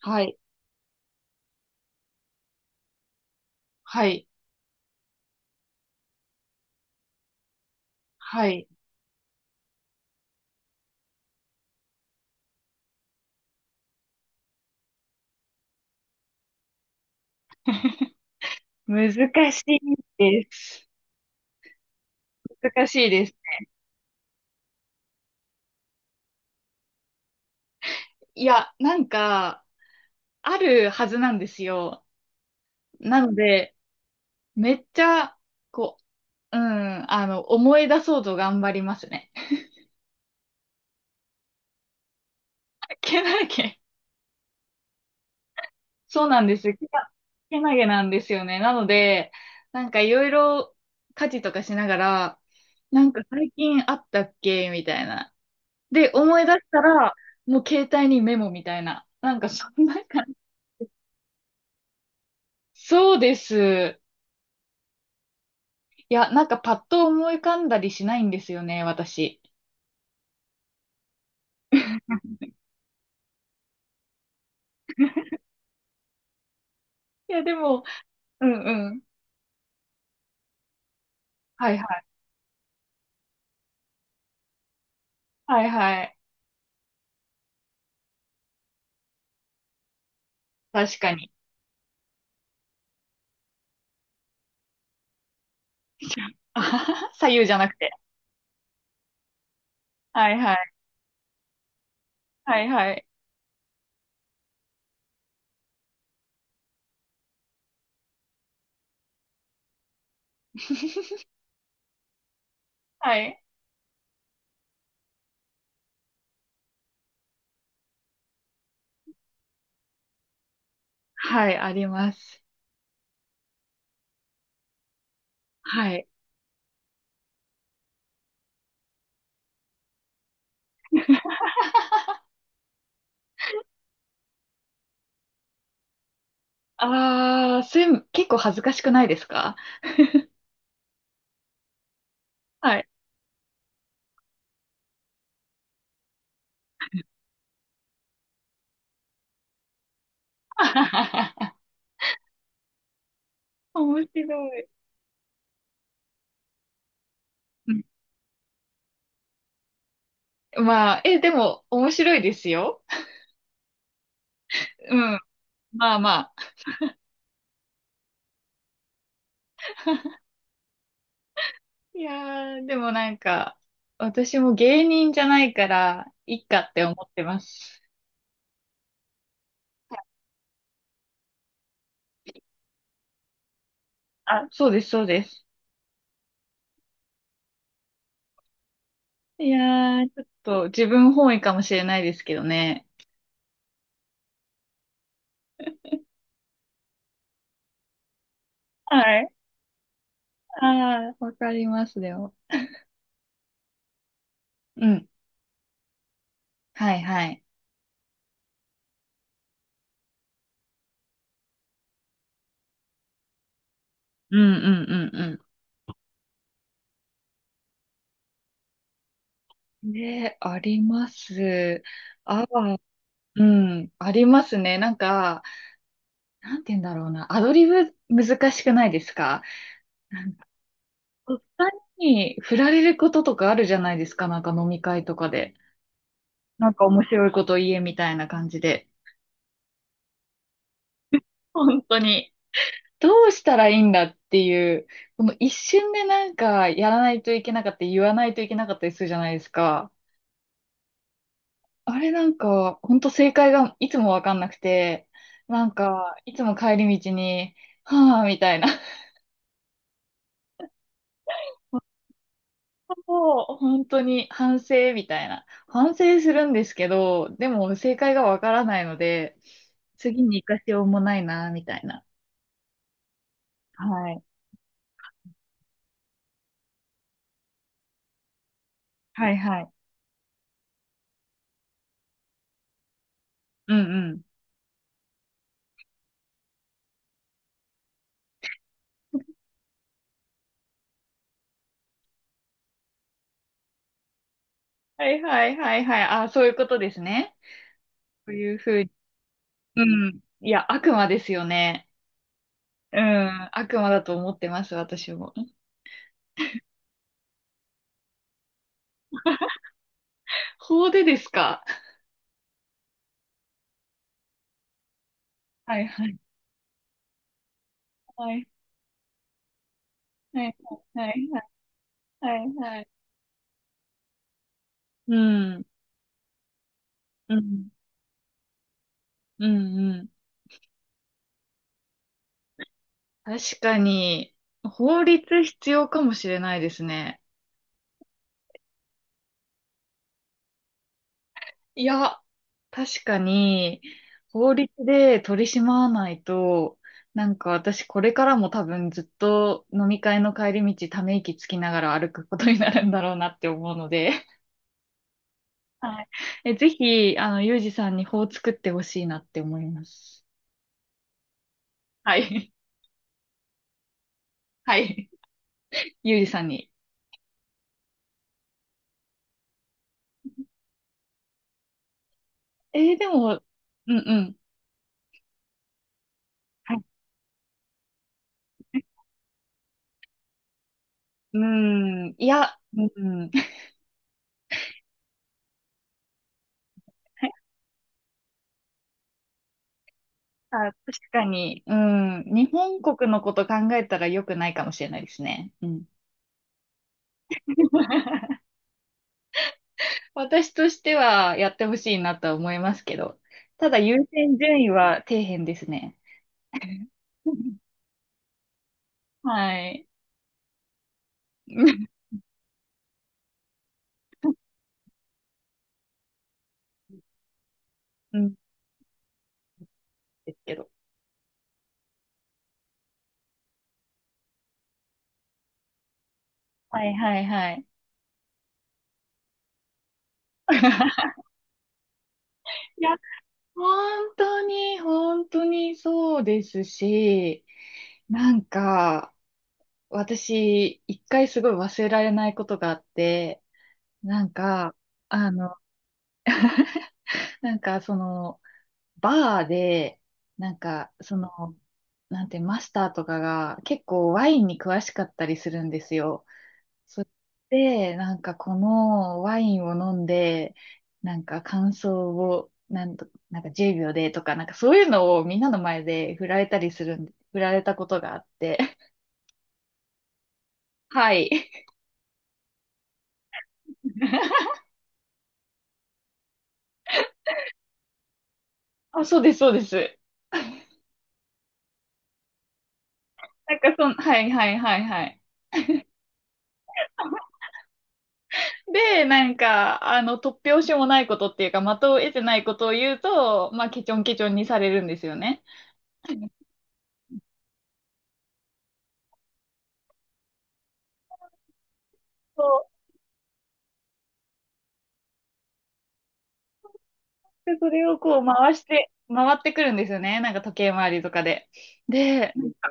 はい、はい、はい。難しいです。難しいです。いや、なんか、あるはずなんですよ。なので、めっちゃ、こう、思い出そうと頑張りますね。けなげ。そうなんです。けなげなんですよね。なので、なんかいろいろ家事とかしながら、なんか最近あったっけみたいな。で、思い出したら、もう携帯にメモみたいな。なんかそんな感じ。そうです。いや、なんかパッと思い浮かんだりしないんですよね、私。いや、でも、うんうん。はいはい。はいはい。確かに。あはは左右じゃなくて。はいはい。はいはい。はい。はい、あります。はい。あー、そう結構恥ずかしくないですか？はい。面白い。うんまあ、でも面白いですよ。うん。まあまあ。いやー、でもなんか、私も芸人じゃないから、いっかって思ってます。あ、そうです、そうです。いやー、ちょっと自分本位かもしれないですけどね。はい。ああ、わかります、でも。うん。はい、はい。うんうんうんうん。ね、あります。ああ、うん、ありますね。なんか、なんて言うんだろうな。アドリブ難しくないですか？お二人に振られることとかあるじゃないですか、なんか飲み会とかで。なんか面白いこと言えみたいな感じで。本当に。どうしたらいいんだっていう、この一瞬でなんかやらないといけなかったり、言わないといけなかったりするじゃないですか。あれなんか、本当正解がいつもわかんなくて、なんか、いつも帰り道に、はぁ、みたいな。そう、本当に反省みたいな。反省するんですけど、でも正解がわからないので、次に活かしようもないな、みたいな。はい。はいはい。うんうん。はいはいはいはい。あ、そういうことですね。そういうふうに。うん。いや、悪魔ですよね。うん。悪魔だと思ってます、私も。法でですか？はいはいはい。はいはいはいはいはい。はいうん。うん。うんうん。確かに、法律必要かもしれないですね。いや、確かに、法律で取り締まわないと、なんか私これからも多分ずっと飲み会の帰り道ため息つきながら歩くことになるんだろうなって思うので、はい。え、ぜひ、ゆうじさんに法を作ってほしいなって思います。はい。はい。ゆうじさんに。でも、うんうん。はい。うん。いや、うん。あ、確かに、うん。日本国のこと考えたら良くないかもしれないですね。うん。私としてはやってほしいなとは思いますけど、ただ優先順位は底辺ですね。はい。うん。ですけど。はいはいはい。いや、本当に、本当にそうですし、なんか、私、一回すごい忘れられないことがあって、なんか、あの、なんかその、バーで、なんか、その、なんて、マスターとかが結構ワインに詳しかったりするんですよ。それで、なんかこのワインを飲んで、なんか感想を、なんか10秒でとか、なんかそういうのをみんなの前で振られたことがあって。はい。あ、そうです、そうです。なんかそん、はいはいはいはい。で、なんか、突拍子もないことっていうか、的を得てないことを言うと、まあ、ケチョンケチョンにされるんですよね。そう。で、それをこう回して、回ってくるんですよね。なんか時計回りとかで。で、なんか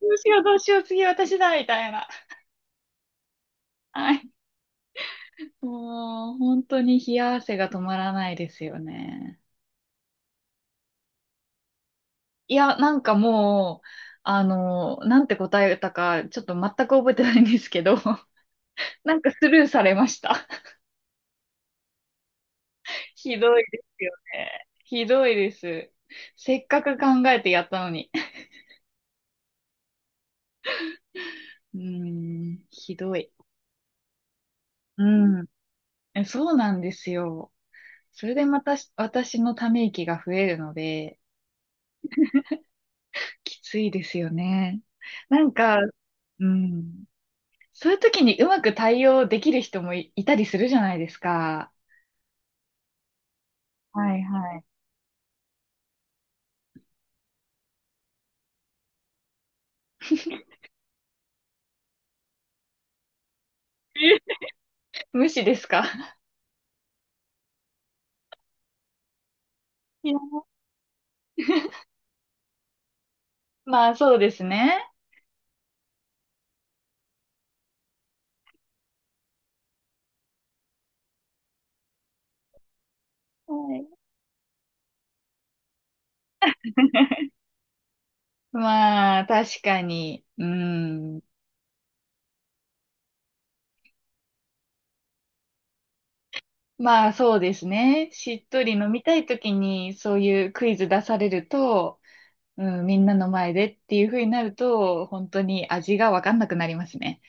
どうしようどうしよう、次私だ、みたいな。はい。もう、本当に冷や汗が止まらないですよね。いや、なんかもう、なんて答えたか、ちょっと全く覚えてないんですけど、なんかスルーされました。ひどいですよね。ひどいです。せっかく考えてやったのに。うーん、ひどい。うん。そうなんですよ。それでまたし私のため息が増えるので、きついですよね。なんか、うん。そういう時にうまく対応できる人もいたりするじゃないですか。はいはい。無視ですか？いや まあそうですね。はい まあ確かに。うん。まあそうですね。しっとり飲みたいときにそういうクイズ出されると、うん、みんなの前でっていう風になると、本当に味がわかんなくなりますね。